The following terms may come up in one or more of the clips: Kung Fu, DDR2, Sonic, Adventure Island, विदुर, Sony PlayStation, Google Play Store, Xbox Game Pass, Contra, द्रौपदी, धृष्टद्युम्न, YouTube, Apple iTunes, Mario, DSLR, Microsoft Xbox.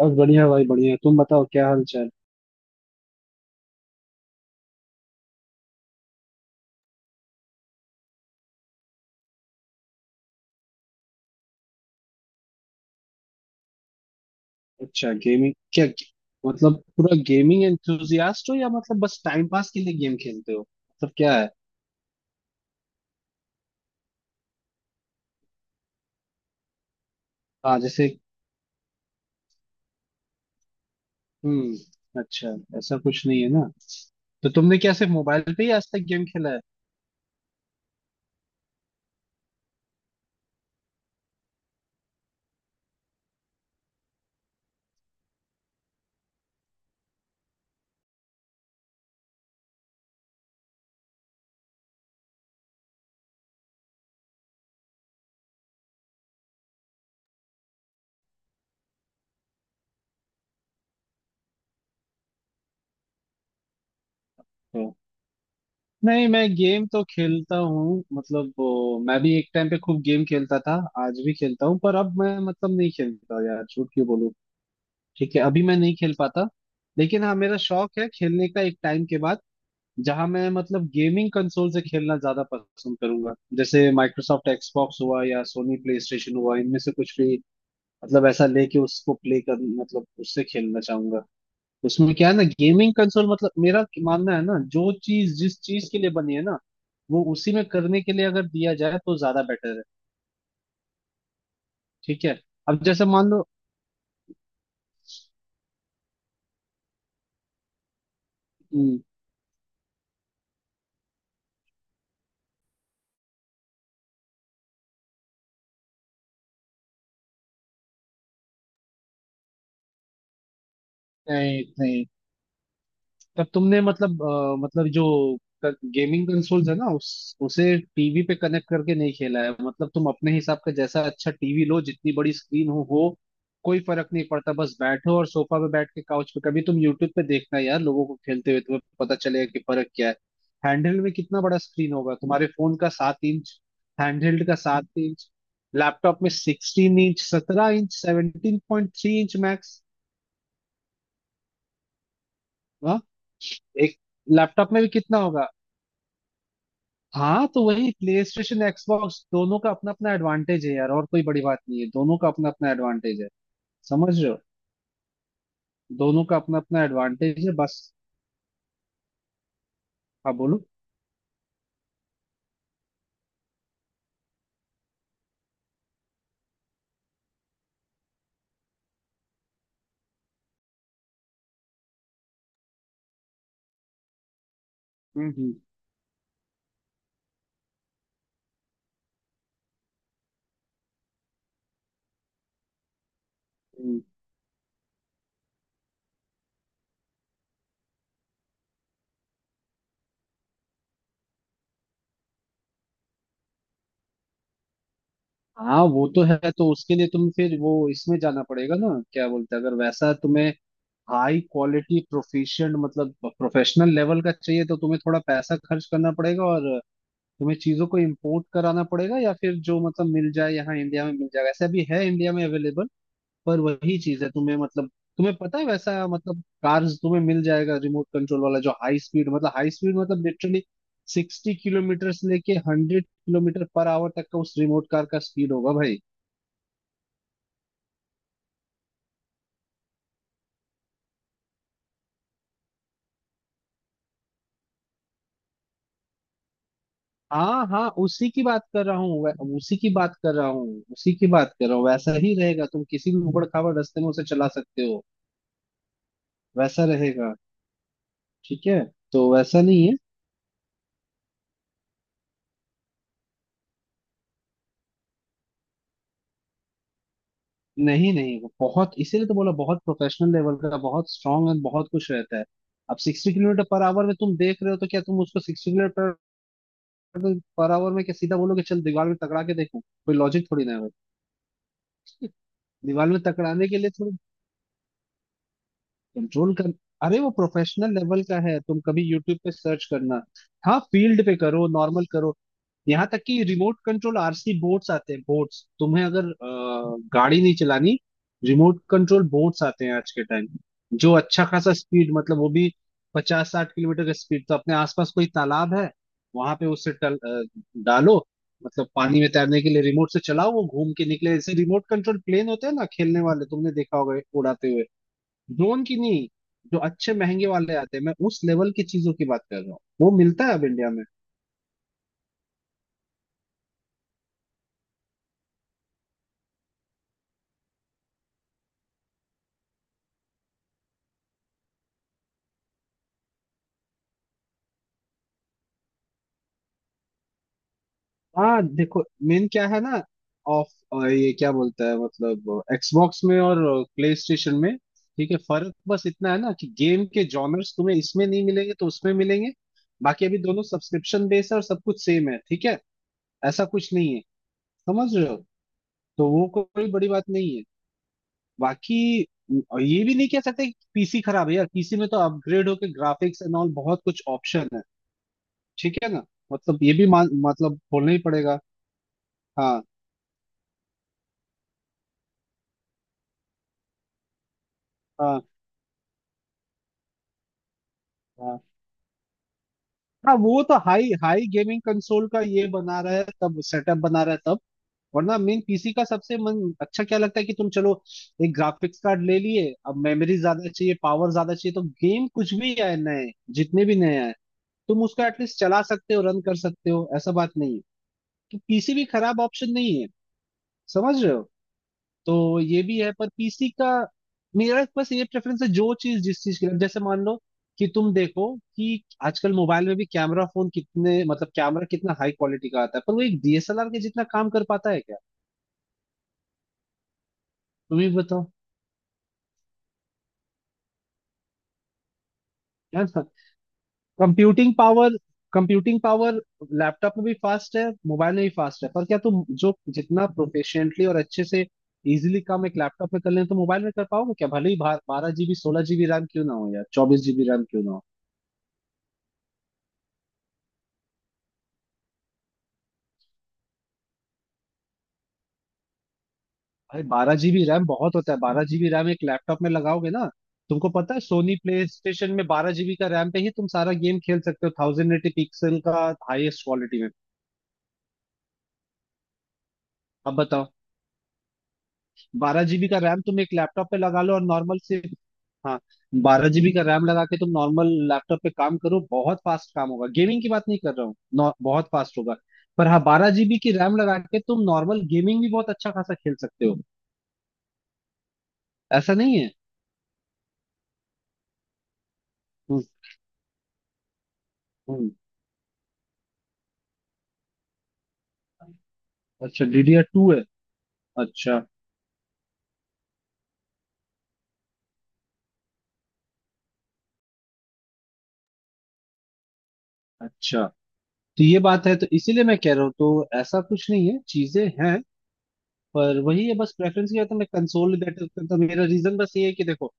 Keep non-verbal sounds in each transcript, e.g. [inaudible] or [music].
बस बढ़िया भाई बढ़िया। तुम बताओ क्या हाल चाल। अच्छा, गेमिंग क्या? मतलब पूरा गेमिंग एंथुजियास्ट हो या मतलब बस टाइम पास के लिए गेम खेलते हो, मतलब क्या है? हाँ, जैसे। हम्म, अच्छा। ऐसा कुछ नहीं है ना। तो तुमने क्या सिर्फ मोबाइल पे ही आज तक गेम खेला है? तो नहीं, मैं गेम तो खेलता हूँ मतलब मैं भी एक टाइम पे खूब गेम खेलता था। आज भी खेलता हूँ पर अब मैं मतलब नहीं खेलता, यार झूठ क्यों बोलूँ। ठीक है, अभी मैं नहीं खेल पाता। लेकिन हाँ, मेरा शौक है खेलने का। एक टाइम के बाद जहां मैं मतलब गेमिंग कंसोल से खेलना ज्यादा पसंद करूंगा। जैसे माइक्रोसॉफ्ट एक्सबॉक्स हुआ या सोनी प्ले स्टेशन हुआ, इनमें से कुछ भी मतलब ऐसा लेके उसको प्ले कर मतलब उससे खेलना चाहूंगा। उसमें क्या है ना, गेमिंग कंसोल मतलब मेरा मानना है ना, जो चीज जिस चीज के लिए बनी है ना वो उसी में करने के लिए अगर दिया जाए तो ज्यादा बेटर है। ठीक है। अब जैसे मान लो। हम्म। नहीं नहीं। तब तुमने मतलब मतलब जो गेमिंग कंसोल्स है ना उस उसे टीवी पे कनेक्ट करके नहीं खेला है मतलब तुम अपने हिसाब का जैसा अच्छा टीवी लो, जितनी बड़ी स्क्रीन हो कोई फर्क नहीं पड़ता। बस बैठो और सोफा पे बैठ के काउच पे कभी तुम यूट्यूब पे देखना यार लोगों को खेलते हुए, तुम्हें पता चलेगा कि फर्क क्या है। हैंडहेल्ड में कितना बड़ा स्क्रीन होगा, तुम्हारे फोन का 7 इंच? हैंडहेल्ड का 7 इंच? लैपटॉप में 16 इंच, 17 इंच, 17.3 इंच मैक्स। हाँ। एक लैपटॉप में भी कितना होगा। हाँ तो वही, प्ले स्टेशन एक्सबॉक्स दोनों का अपना अपना एडवांटेज है यार, और कोई बड़ी बात नहीं है। दोनों का अपना अपना एडवांटेज है। समझ रहे हो, दोनों का अपना अपना एडवांटेज है बस। हाँ बोलो। हम्म। हम्म। हाँ वो तो है। तो उसके लिए तुम फिर वो इसमें जाना पड़ेगा ना, क्या बोलते हैं, अगर वैसा तुम्हें हाई क्वालिटी प्रोफिशिएंट मतलब प्रोफेशनल लेवल का चाहिए तो तुम्हें थोड़ा पैसा खर्च करना पड़ेगा, और तुम्हें चीजों को इम्पोर्ट कराना पड़ेगा या फिर जो मतलब मिल जाए यहाँ, इंडिया में मिल जाएगा, ऐसा भी है इंडिया में अवेलेबल। पर वही चीज है, तुम्हें मतलब तुम्हें पता है वैसा मतलब कार्स तुम्हें मिल जाएगा रिमोट कंट्रोल वाला, जो हाई स्पीड मतलब लिटरली 60 किलोमीटर से लेके 100 किलोमीटर पर आवर तक का उस रिमोट कार का स्पीड होगा भाई। हाँ हाँ उसी की बात कर रहा हूँ, उसी की बात कर रहा हूँ उसी की बात कर रहा हूँ, वैसा ही रहेगा। तुम किसी भी उबड़ खाबड़ रास्ते में उसे चला सकते हो, वैसा रहेगा। ठीक है, तो वैसा नहीं है। नहीं नहीं, वो बहुत, इसीलिए तो बोला बहुत प्रोफेशनल लेवल का, बहुत स्ट्रांग है, बहुत कुछ रहता है। अब 60 किलोमीटर पर आवर में तुम देख रहे हो तो क्या तुम उसको 60 किलोमीटर पर आवर में क्या सीधा बोलोगे चल दीवार में टकरा के देखो, कोई लॉजिक थोड़ी ना है भाई। दीवार में टकराने के लिए थोड़ी। कंट्रोल कर, अरे वो प्रोफेशनल लेवल का है, तुम कभी यूट्यूब पे सर्च करना। हाँ फील्ड पे करो, नॉर्मल करो। यहाँ तक कि रिमोट कंट्रोल आरसी बोट्स आते हैं, बोट्स तुम्हें अगर गाड़ी नहीं चलानी, रिमोट कंट्रोल बोट्स आते हैं आज के टाइम। जो अच्छा खासा स्पीड मतलब वो भी 50-60 किलोमीटर का स्पीड, तो अपने आसपास कोई तालाब है वहां पे उससे डालो मतलब पानी में तैरने के लिए रिमोट से चलाओ वो घूम के निकले। जैसे रिमोट कंट्रोल प्लेन होते हैं ना खेलने वाले, तुमने देखा होगा उड़ाते हुए। ड्रोन की नहीं, जो अच्छे महंगे वाले आते हैं, मैं उस लेवल की चीजों की बात कर रहा हूँ, वो मिलता है अब इंडिया में। हाँ देखो, मेन क्या है ना, ये क्या बोलता है मतलब एक्सबॉक्स में और प्ले स्टेशन में। ठीक है, फर्क बस इतना है ना कि गेम के जॉनर्स तुम्हें इसमें नहीं मिलेंगे तो उसमें मिलेंगे। बाकी अभी दोनों सब्सक्रिप्शन बेस है और सब कुछ सेम है, ठीक है। ऐसा कुछ नहीं है, समझ रहे हो? तो वो कोई बड़ी बात नहीं है। बाकी, और ये भी नहीं कह सकते कि पीसी खराब है यार, पीसी में तो अपग्रेड होके ग्राफिक्स एंड ऑल बहुत कुछ ऑप्शन है, ठीक है ना। मतलब ये भी मान मतलब बोलना ही पड़ेगा। हाँ हाँ हाँ। हाँ वो तो, हाई हाई गेमिंग कंसोल का ये बना रहा है तब, सेटअप बना रहा है तब। वरना मेन पीसी का सबसे मन अच्छा क्या लगता है कि तुम चलो एक ग्राफिक्स कार्ड ले लिए, अब मेमोरी ज्यादा चाहिए पावर ज्यादा चाहिए तो गेम कुछ भी आए नए, जितने भी नए आए तुम उसको एटलीस्ट चला सकते हो, रन कर सकते हो, ऐसा बात नहीं है। तो पीसी भी खराब ऑप्शन नहीं है, समझ रहे हो। तो ये भी है, पर पीसी का मेरा बस ये प्रेफरेंस है जो चीज जिस चीज के लिए। जैसे मान लो कि तुम देखो कि आजकल मोबाइल में भी कैमरा, फोन कितने मतलब कैमरा कितना हाई क्वालिटी का आता है, पर वो एक डीएसएलआर के जितना काम कर पाता है क्या? तुम ही बताओ, है ना? Computing power, computing power laptop में भी फास्ट है, मोबाइल में भी फास्ट है, पर क्या तुम जो जितना प्रोफिशिएंटली और अच्छे से इजिली काम एक लैपटॉप में कर लें तो मोबाइल में कर पाओगे क्या, भले ही 12 जीबी 16 जीबी रैम क्यों ना हो या 24 जीबी रैम क्यों ना हो। भाई 12 जीबी रैम बहुत होता है, 12 जीबी रैम एक लैपटॉप में लगाओगे ना। तुमको पता है सोनी प्ले स्टेशन में 12 जीबी का रैम पे ही तुम सारा गेम खेल सकते हो 1080 पिक्सल का, हाईएस्ट क्वालिटी में, अब बताओ। 12 जीबी का रैम तुम एक लैपटॉप पे लगा लो और नॉर्मल से। हाँ, 12 जीबी का रैम लगा के तुम नॉर्मल लैपटॉप पे काम करो, बहुत फास्ट काम होगा, गेमिंग की बात नहीं कर रहा हूँ, बहुत फास्ट होगा। पर हाँ, 12 जीबी की रैम लगा के तुम नॉर्मल गेमिंग भी बहुत अच्छा खासा खेल सकते हो, ऐसा नहीं है। हम्म हम्म। अच्छा डीडीआर टू है? अच्छा, अच्छा। तो ये बात है, तो इसीलिए मैं कह रहा हूँ तो ऐसा कुछ नहीं है, चीजें हैं पर वही है बस। प्रेफरेंस क्या था मैं कंसोलिडेटेड करता हूं। मेरा रीजन बस ये है कि देखो,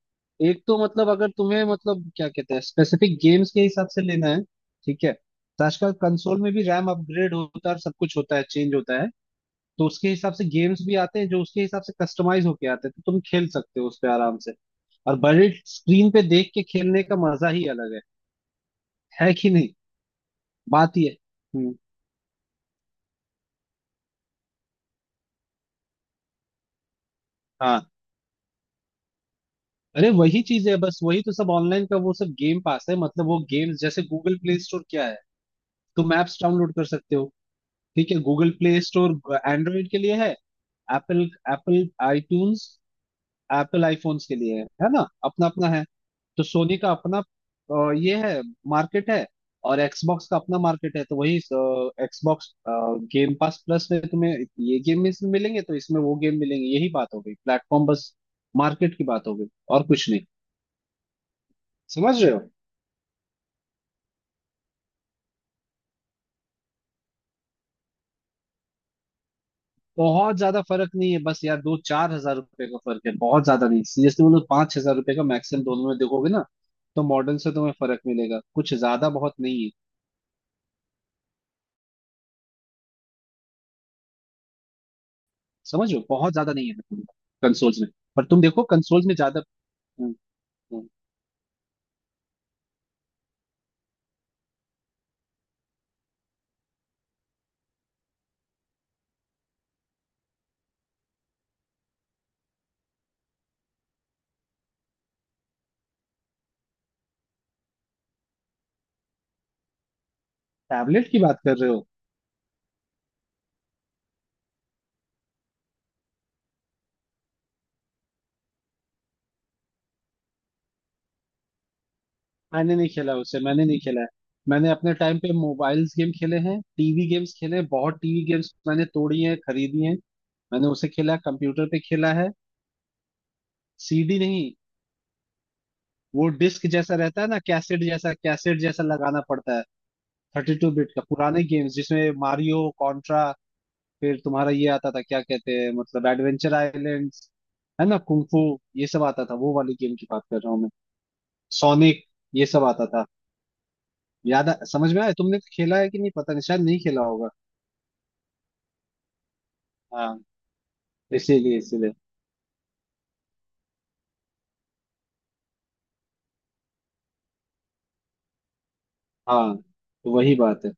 एक तो मतलब अगर तुम्हें मतलब क्या कहते हैं स्पेसिफिक गेम्स के हिसाब से लेना है, ठीक है। तो आजकल कंसोल में भी रैम अपग्रेड होता है और सब कुछ होता है, चेंज होता है, तो उसके हिसाब से गेम्स भी आते हैं जो उसके हिसाब से कस्टमाइज होके आते हैं, तो तुम खेल सकते हो उस पे आराम से। और बड़े स्क्रीन पे देख के खेलने का मजा ही अलग है कि नहीं। बात ही है। हम्म। अरे वही चीज है बस, वही तो सब ऑनलाइन का वो सब गेम पास है मतलब वो गेम्स, जैसे गूगल प्ले स्टोर क्या है, तुम ऐप्स डाउनलोड कर सकते हो। ठीक है, गूगल प्ले स्टोर एंड्रॉइड के लिए है। Apple, Apple iTunes, Apple iPhones के लिए है ना, अपना अपना है। तो सोनी का अपना ये है, मार्केट है, और एक्सबॉक्स का अपना मार्केट है, तो वही एक्सबॉक्स गेम पास प्लस में तुम्हें ये गेम इसमें मिलेंगे तो इसमें वो गेम मिलेंगे, यही बात हो गई, प्लेटफॉर्म बस, मार्केट की बात हो गई और कुछ नहीं, समझ रहे हो। बहुत ज्यादा फर्क नहीं है बस यार, दो चार हजार रुपए का फर्क है, बहुत ज्यादा नहीं सीरियसली बोलो, 5,000 रुपए का मैक्सिमम दोनों में देखोगे ना। तो मॉडल से तुम्हें फर्क मिलेगा, कुछ ज्यादा बहुत नहीं है। समझो बहुत ज्यादा नहीं है कंसोल्स में, पर तुम देखो कंसोल्स में ज्यादा। टैबलेट की बात कर रहे हो? मैंने नहीं खेला उसे, मैंने नहीं खेला है। मैंने अपने टाइम पे मोबाइल्स गेम खेले हैं, टीवी गेम्स खेले हैं, बहुत टीवी गेम्स मैंने तोड़ी हैं, खरीदी हैं। मैंने उसे खेला है, कंप्यूटर पे खेला है, सीडी नहीं। वो डिस्क जैसा रहता है ना, कैसेट जैसा, कैसेट जैसा लगाना पड़ता है। 32 बिट का पुराने गेम्स जिसमें मारियो, कॉन्ट्रा, फिर तुम्हारा ये आता था क्या कहते हैं मतलब एडवेंचर आइलैंड, है ना कुंफू, ये सब आता था, वो वाली गेम की बात कर रहा हूँ मैं। सोनिक, ये सब आता था। समझ में आया, तुमने तो खेला है कि नहीं पता नहीं, शायद नहीं खेला होगा। हाँ, इसीलिए इसीलिए। हाँ तो वही बात है।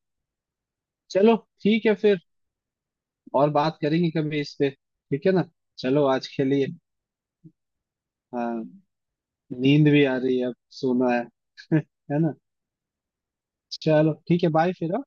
चलो ठीक है फिर, और बात करेंगे कभी इस पे, ठीक है ना। चलो आज खेलिए। हाँ, नींद भी आ रही है अब, सोना है। [laughs] है ना। चलो ठीक है बाय फिर, हाँ?